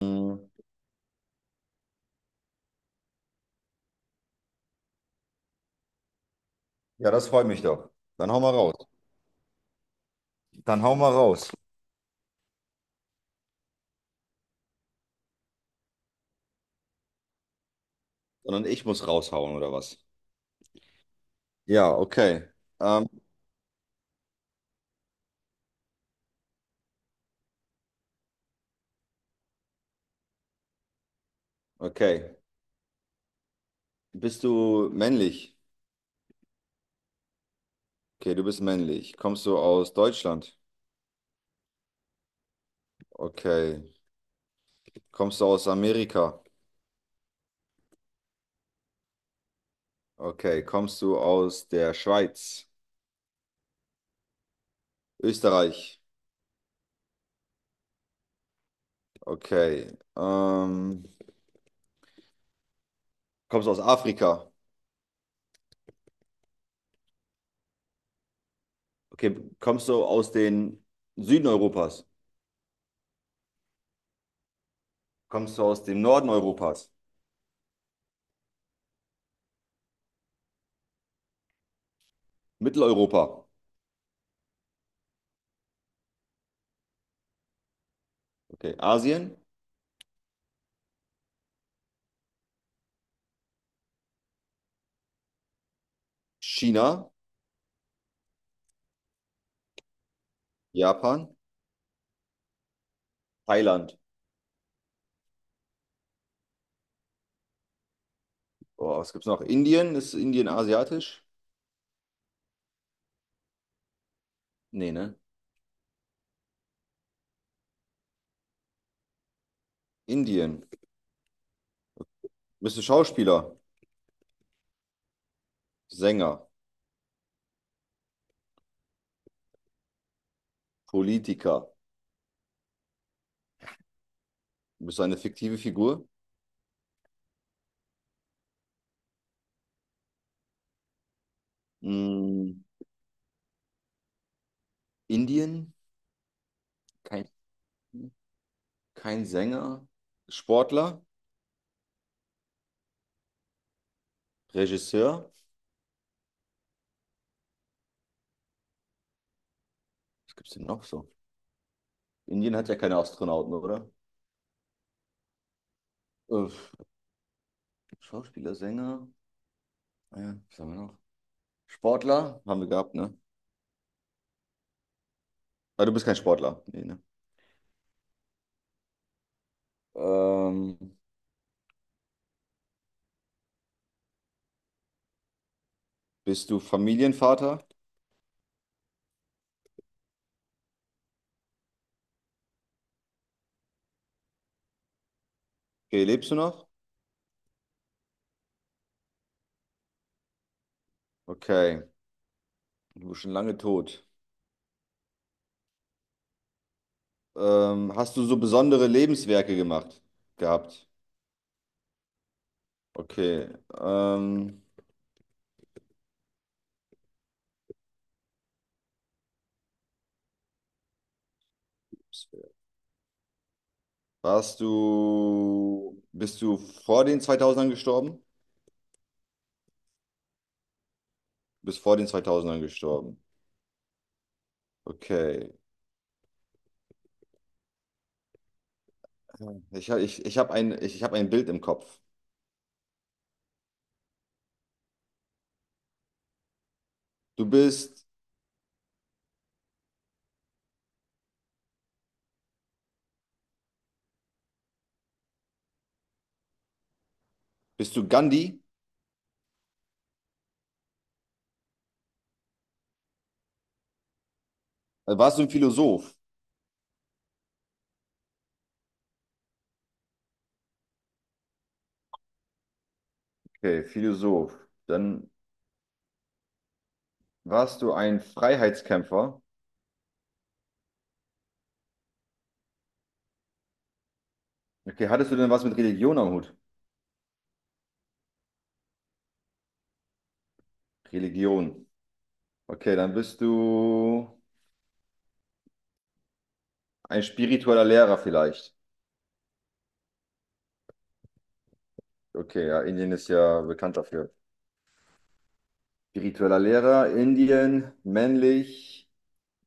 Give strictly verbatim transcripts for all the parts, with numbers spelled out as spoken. Ja, das freut mich doch. Dann hau mal raus. Dann hau mal raus. Sondern ich muss raushauen, oder was? Ja, okay. Ähm, okay. Bist du männlich? Okay, du bist männlich. Kommst du aus Deutschland? Okay. Kommst du aus Amerika? Okay. Kommst du aus der Schweiz? Österreich? Okay. Ähm, kommst du aus Afrika? Okay. Kommst du aus den Süden Europas? Kommst du aus dem Norden Europas? Mitteleuropa? Okay. Asien? China, Japan, Thailand. Boah, was gibt's noch? Indien? Ist Indien asiatisch? Nee, ne? Indien. Bist du Schauspieler, Sänger, Politiker? Bist du eine fiktive Figur? Mm, Indien? Kein, kein Sänger? Sportler? Regisseur? Was gibt's denn noch so? Indien hat ja keine Astronauten, oder? Äh, Schauspieler, Sänger? Ah ja, was haben wir noch? Sportler? Haben wir gehabt, ne? Ah, du bist kein Sportler. Nee, ne? Ähm, bist du Familienvater? Okay, lebst du noch? Okay, du bist schon lange tot. Ähm, hast du so besondere Lebenswerke gemacht? Gehabt? Okay. Ähm, warst du, bist du vor den zweitausendern gestorben? Du bist vor den zweitausendern gestorben. Okay. Ich, ha- ich, ich habe ein, ich, ich hab ein Bild im Kopf. Du bist, bist du Gandhi? Äh, Warst du ein Philosoph? Okay, Philosoph. Dann warst du ein Freiheitskämpfer? Okay, hattest du denn was mit Religion am Hut? Religion. Okay, dann bist du ein spiritueller Lehrer vielleicht. Okay, ja, Indien ist ja bekannt dafür. Spiritueller Lehrer, Indien, männlich,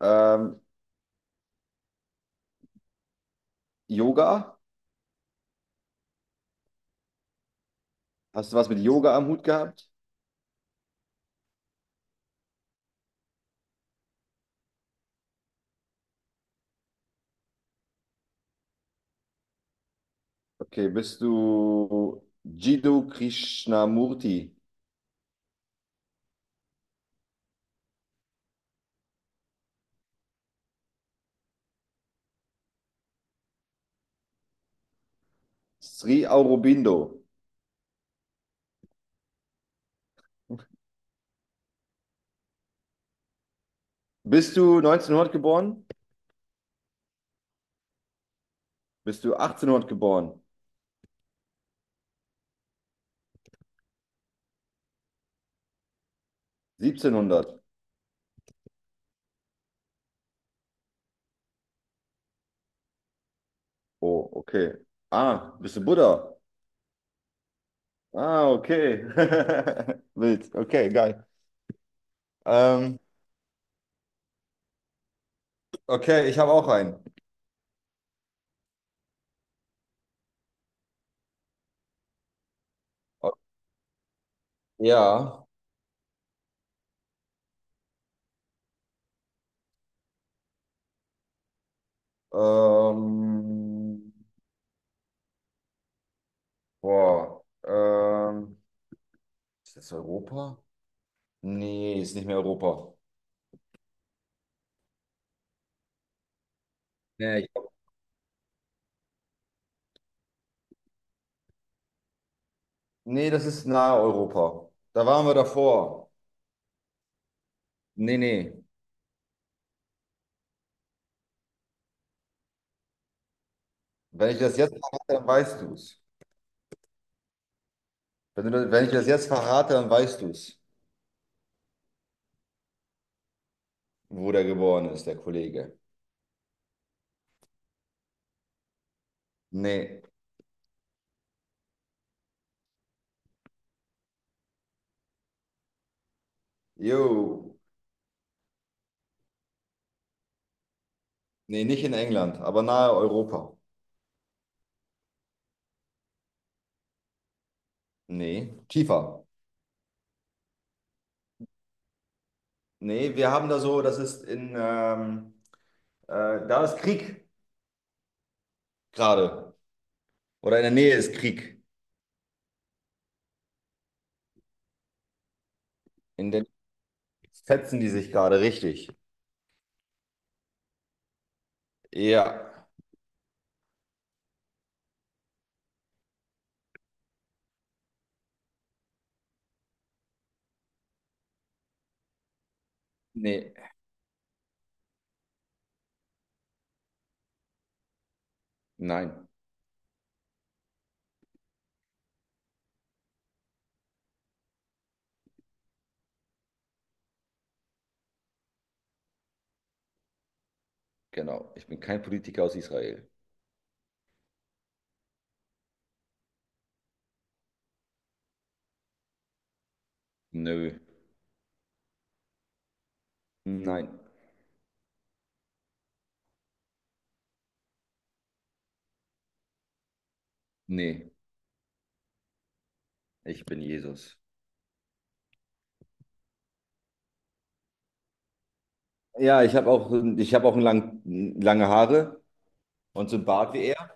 ähm, Yoga. Hast du was mit Yoga am Hut gehabt? Okay, bist du Jiddu Krishnamurti, Sri Aurobindo. Bist du neunzehnhundert geboren? Bist du achtzehnhundert geboren? siebzehnhundert? Oh, okay. Ah, bist du Buddha? Ah, okay. Wild. Okay, geil. Ähm, okay, ich habe auch einen. O- Ja. Ähm, boah. Ähm, ist das Europa? Nee, ist nicht mehr Europa. Nee, ich, Nee, das ist nahe Europa. Da waren wir davor. Nee, nee. Wenn ich das jetzt verrate, dann weißt du es. Wenn du, das- wenn ich das jetzt verrate, dann weißt du es, wo der geboren ist, der Kollege. Nee. Jo. Nee, nicht in England, aber nahe Europa. Nee, tiefer. Nee, wir haben da so, das ist in, ähm, äh, da ist Krieg gerade. Oder in der Nähe ist Krieg. In der Fetzen die sich gerade, richtig. Ja. Nee, nein, genau. Ich bin kein Politiker aus Israel. Nö. Nein. Nee, ich bin Jesus. Ja, ich habe auch, ich habe auch lang, lange Haare und so einen Bart wie er.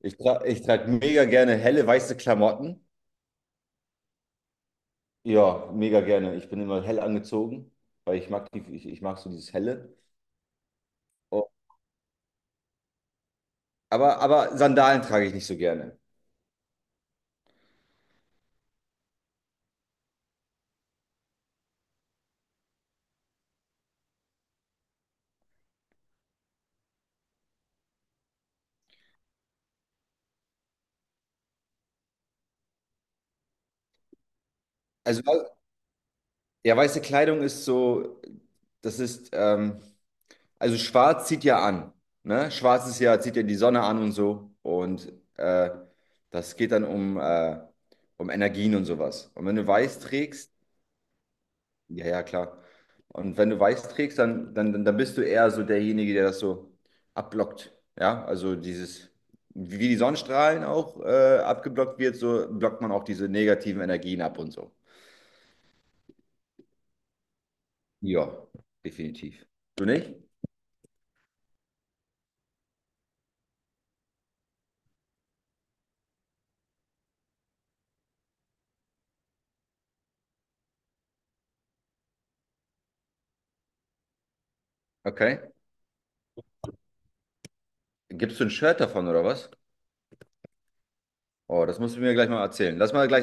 Ich, tra ich trage mega gerne helle weiße Klamotten. Ja, mega gerne. Ich bin immer hell angezogen, weil ich mag die, ich, ich mag so dieses Helle. Oh. Aber, aber Sandalen trage ich nicht so gerne. Also, ja, weiße Kleidung ist so, das ist, ähm, also schwarz zieht ja an, ne? Schwarz ist ja, zieht ja die Sonne an und so. Und äh, das geht dann um, äh, um Energien und sowas. Und wenn du weiß trägst, ja, ja, klar. Und wenn du weiß trägst, dann, dann, dann dann bist du eher so derjenige, der das so abblockt. Ja, also dieses, wie die Sonnenstrahlen auch äh, abgeblockt wird, so blockt man auch diese negativen Energien ab und so. Ja, definitiv. Du nicht? Okay. Gibst du ein Shirt davon oder was? Oh, das musst du mir gleich mal erzählen. Lass mal gleich.